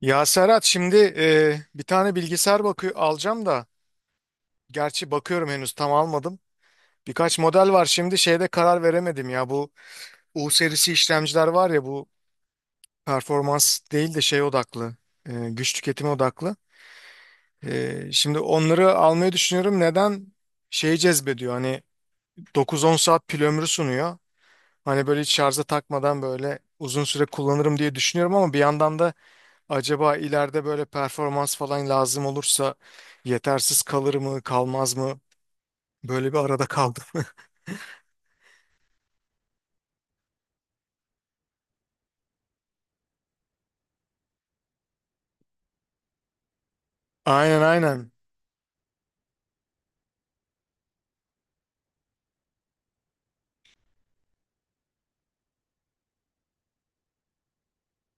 Ya Serhat şimdi bir tane bilgisayar bakıyor alacağım da gerçi bakıyorum henüz tam almadım. Birkaç model var şimdi şeyde karar veremedim ya, bu U serisi işlemciler var ya, bu performans değil de şey odaklı, güç tüketimi odaklı. Şimdi onları almayı düşünüyorum, neden, şeyi cezbediyor hani 9-10 saat pil ömrü sunuyor. Hani böyle hiç şarja takmadan böyle uzun süre kullanırım diye düşünüyorum ama bir yandan da acaba ileride böyle performans falan lazım olursa yetersiz kalır mı, kalmaz mı? Böyle bir arada kaldım. Aynen, aynen.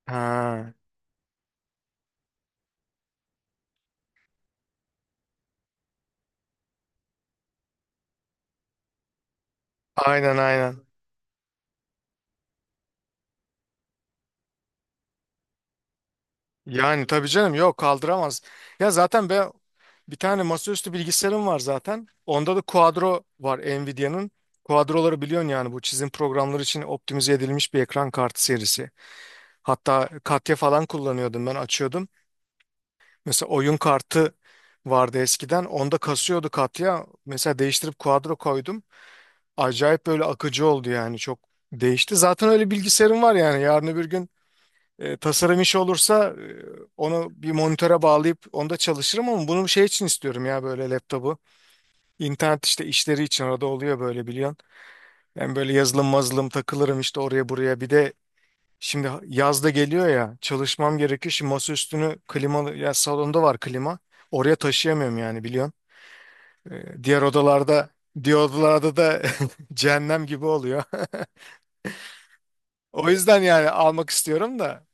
Ha, aynen, aynen. Yani tabii canım, yok, kaldıramaz. Ya zaten ben bir tane masaüstü bilgisayarım var zaten. Onda da Quadro var, Nvidia'nın. Quadro'ları biliyorsun, yani bu çizim programları için optimize edilmiş bir ekran kartı serisi. Hatta Katya falan kullanıyordum, ben açıyordum. Mesela oyun kartı vardı eskiden. Onda kasıyordu katya. Mesela değiştirip quadro koydum. Acayip böyle akıcı oldu yani. Çok değişti. Zaten öyle bilgisayarım var yani. Yarın öbür gün tasarım işi olursa onu bir monitöre bağlayıp onda çalışırım ama bunu şey için istiyorum ya, böyle laptopu. İnternet işte işleri için arada oluyor böyle, biliyorsun. Ben böyle yazılım mazılım takılırım işte oraya buraya. Bir de şimdi yaz da geliyor ya, çalışmam gerekiyor. Şimdi masa üstünü klimalı, ya salonda var klima. Oraya taşıyamıyorum yani, biliyorsun. Ee, diğer odalarda diğer odalarda da cehennem gibi oluyor. O yüzden yani almak istiyorum da,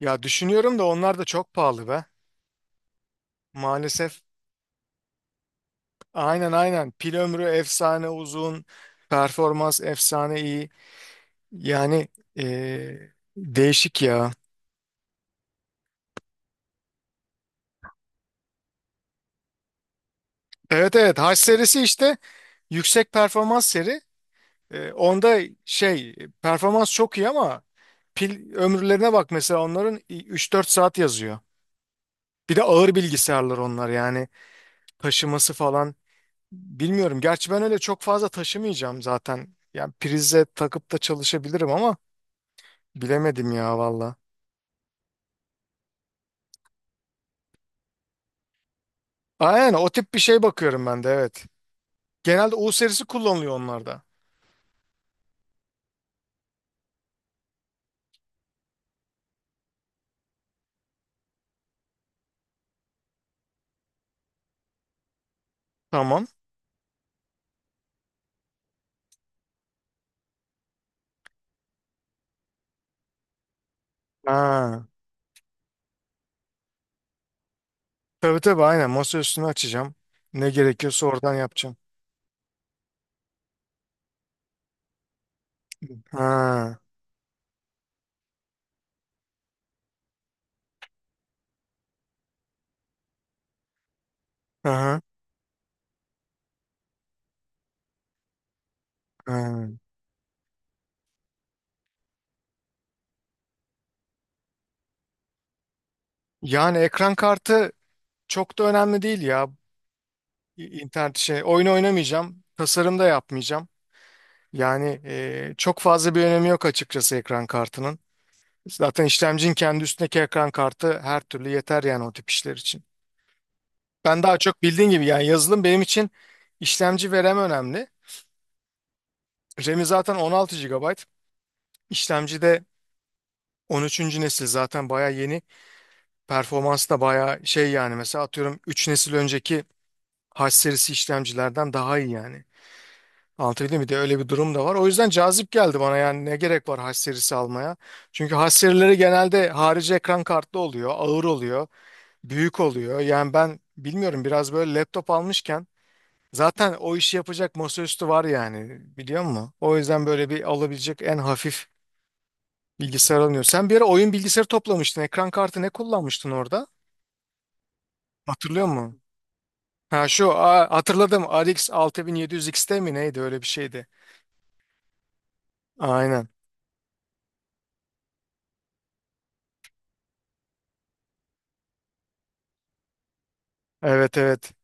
ya düşünüyorum da onlar da çok pahalı be. Maalesef, aynen, aynen, pil ömrü efsane uzun, performans efsane iyi. Yani ee, değişik ya. Evet, evet, H serisi işte yüksek performans seri. Onda şey performans çok iyi ama pil ömürlerine bak mesela, onların 3-4 saat yazıyor. Bir de ağır bilgisayarlar onlar yani, taşıması falan bilmiyorum. Gerçi ben öyle çok fazla taşımayacağım zaten. Yani prize takıp da çalışabilirim ama bilemedim ya valla. Aynen, o tip bir şey bakıyorum ben de, evet. Genelde U serisi kullanılıyor onlarda. Tamam. Ha. Tabii, tabii, aynen, masa üstünü açacağım. Ne gerekiyorsa oradan yapacağım. Ha. Aha. Ha. Yani ekran kartı çok da önemli değil ya. İnternet şey oyun oynamayacağım. Tasarım da yapmayacağım. Yani çok fazla bir önemi yok açıkçası ekran kartının. Zaten işlemcinin kendi üstündeki ekran kartı her türlü yeter yani o tip işler için. Ben daha çok bildiğin gibi, yani yazılım benim için işlemci ve RAM önemli. RAM'i zaten 16 gigabayt. İşlemci de 13. nesil, zaten bayağı yeni. Performans da bayağı şey yani, mesela atıyorum 3 nesil önceki H serisi işlemcilerden daha iyi yani. Anlatabildim mi? Bir de öyle bir durum da var. O yüzden cazip geldi bana yani, ne gerek var haş serisi almaya. Çünkü haş serileri genelde harici ekran kartlı oluyor, ağır oluyor, büyük oluyor. Yani ben bilmiyorum, biraz böyle laptop almışken zaten o işi yapacak masaüstü var yani, biliyor musun? O yüzden böyle bir alabilecek en hafif bilgisayar alınıyor. Sen bir ara oyun bilgisayarı toplamıştın. Ekran kartı ne kullanmıştın orada? Hatırlıyor musun? Ha şu, hatırladım, RX 6700 XT mi neydi, öyle bir şeydi. Aynen. Evet, evet.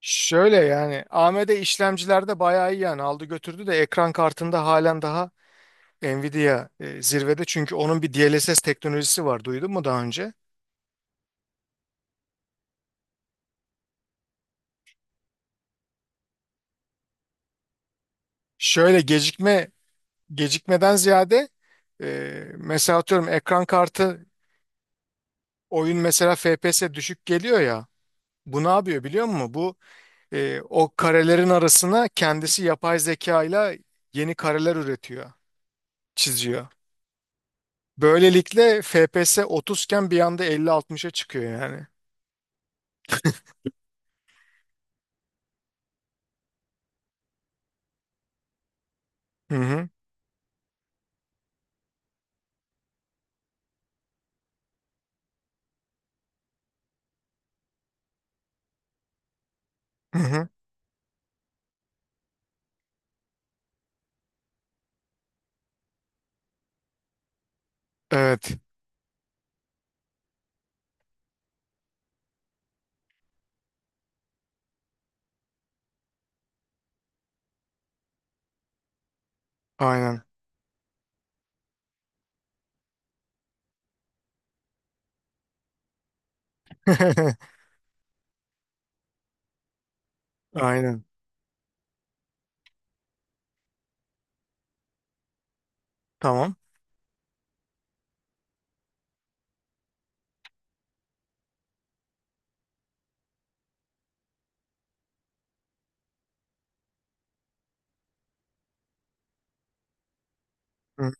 Şöyle yani AMD işlemcilerde bayağı iyi yani, aldı götürdü de ekran kartında halen daha Nvidia zirvede, çünkü onun bir DLSS teknolojisi var, duydun mu daha önce? Şöyle gecikmeden ziyade e, mesela atıyorum ekran kartı oyun, mesela FPS düşük geliyor ya, bu ne yapıyor biliyor musun? Bu o karelerin arasına kendisi yapay zeka ile yeni kareler üretiyor, çiziyor. Böylelikle FPS 30 iken bir anda 50-60'a çıkıyor yani. Hı hı. Hı hı. Evet. Aynen. Aynen. Tamam. Hı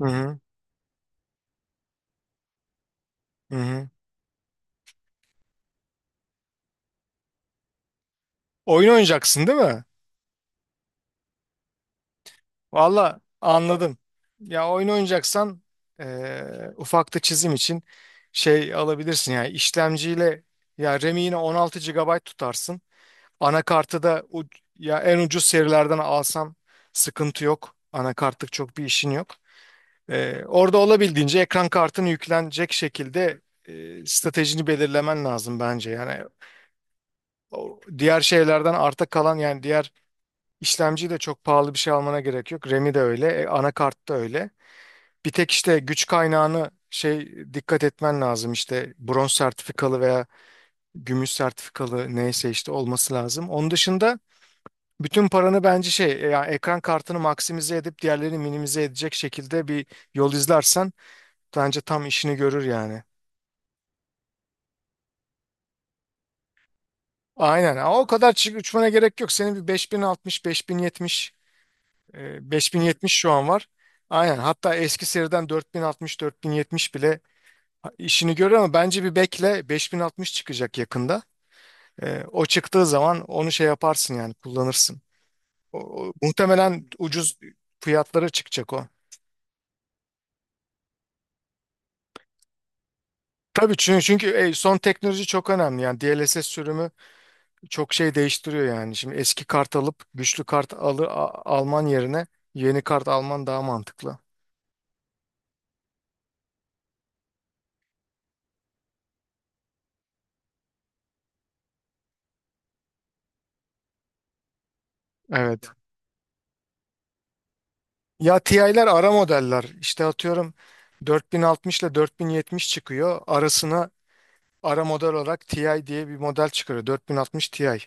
hı. Hı hı. Oyun oynayacaksın değil mi? Valla anladım. Ya oyun oynayacaksan ufakta çizim için şey alabilirsin yani işlemciyle, ya RAM'i yine 16 GB tutarsın. Anakartı da ya en ucuz serilerden alsan sıkıntı yok. Anakartlık çok bir işin yok. Orada olabildiğince ekran kartını yüklenecek şekilde stratejini belirlemen lazım bence. Yani o diğer şeylerden arta kalan, yani diğer işlemci de çok pahalı bir şey almana gerek yok. RAM'i de öyle, anakart da öyle. Bir tek işte güç kaynağını şey dikkat etmen lazım, işte bronz sertifikalı veya gümüş sertifikalı, neyse işte, olması lazım. Onun dışında bütün paranı bence şey, yani ekran kartını maksimize edip diğerlerini minimize edecek şekilde bir yol izlersen bence tam işini görür yani. Aynen. Ama o kadar uçmana gerek yok. Senin bir 5060, 5070 şu an var. Aynen. Hatta eski seriden 4060, 4070 bile işini görüyor ama bence bir bekle, 5060 çıkacak yakında. O çıktığı zaman onu şey yaparsın yani, kullanırsın. Muhtemelen ucuz fiyatlara çıkacak o. Tabii, çünkü son teknoloji çok önemli. Yani DLSS sürümü çok şey değiştiriyor yani. Şimdi eski kart alıp güçlü kart alman yerine yeni kart alman daha mantıklı. Evet. Ya TI'ler ara modeller. İşte atıyorum 4060 ile 4070 çıkıyor. Arasına ara model olarak TI diye bir model çıkarıyor. 4060 Ti.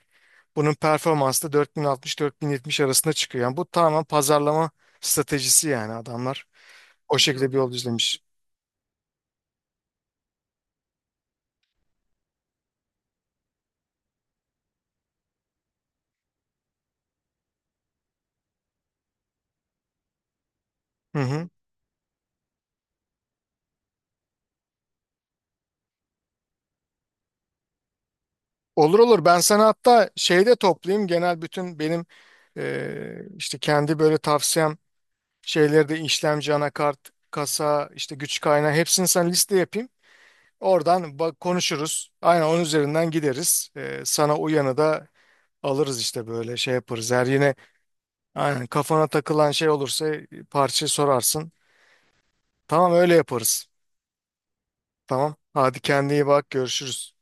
Bunun performansı da 4060-4070 arasında çıkıyor. Yani bu tamamen pazarlama stratejisi yani, adamlar o şekilde bir yol izlemiş. Hı hı. Olur, olur, ben sana hatta şeyde toplayayım, genel bütün benim işte kendi böyle tavsiyem şeyleri de, işlemci, anakart, kasa, işte güç kaynağı, hepsini sana liste yapayım. Oradan bak, konuşuruz. Aynen onun üzerinden gideriz. Sana uyanı da alırız işte, böyle şey yaparız. Her yine aynen, kafana takılan şey olursa parça sorarsın. Tamam, öyle yaparız. Tamam, hadi kendine iyi bak, görüşürüz.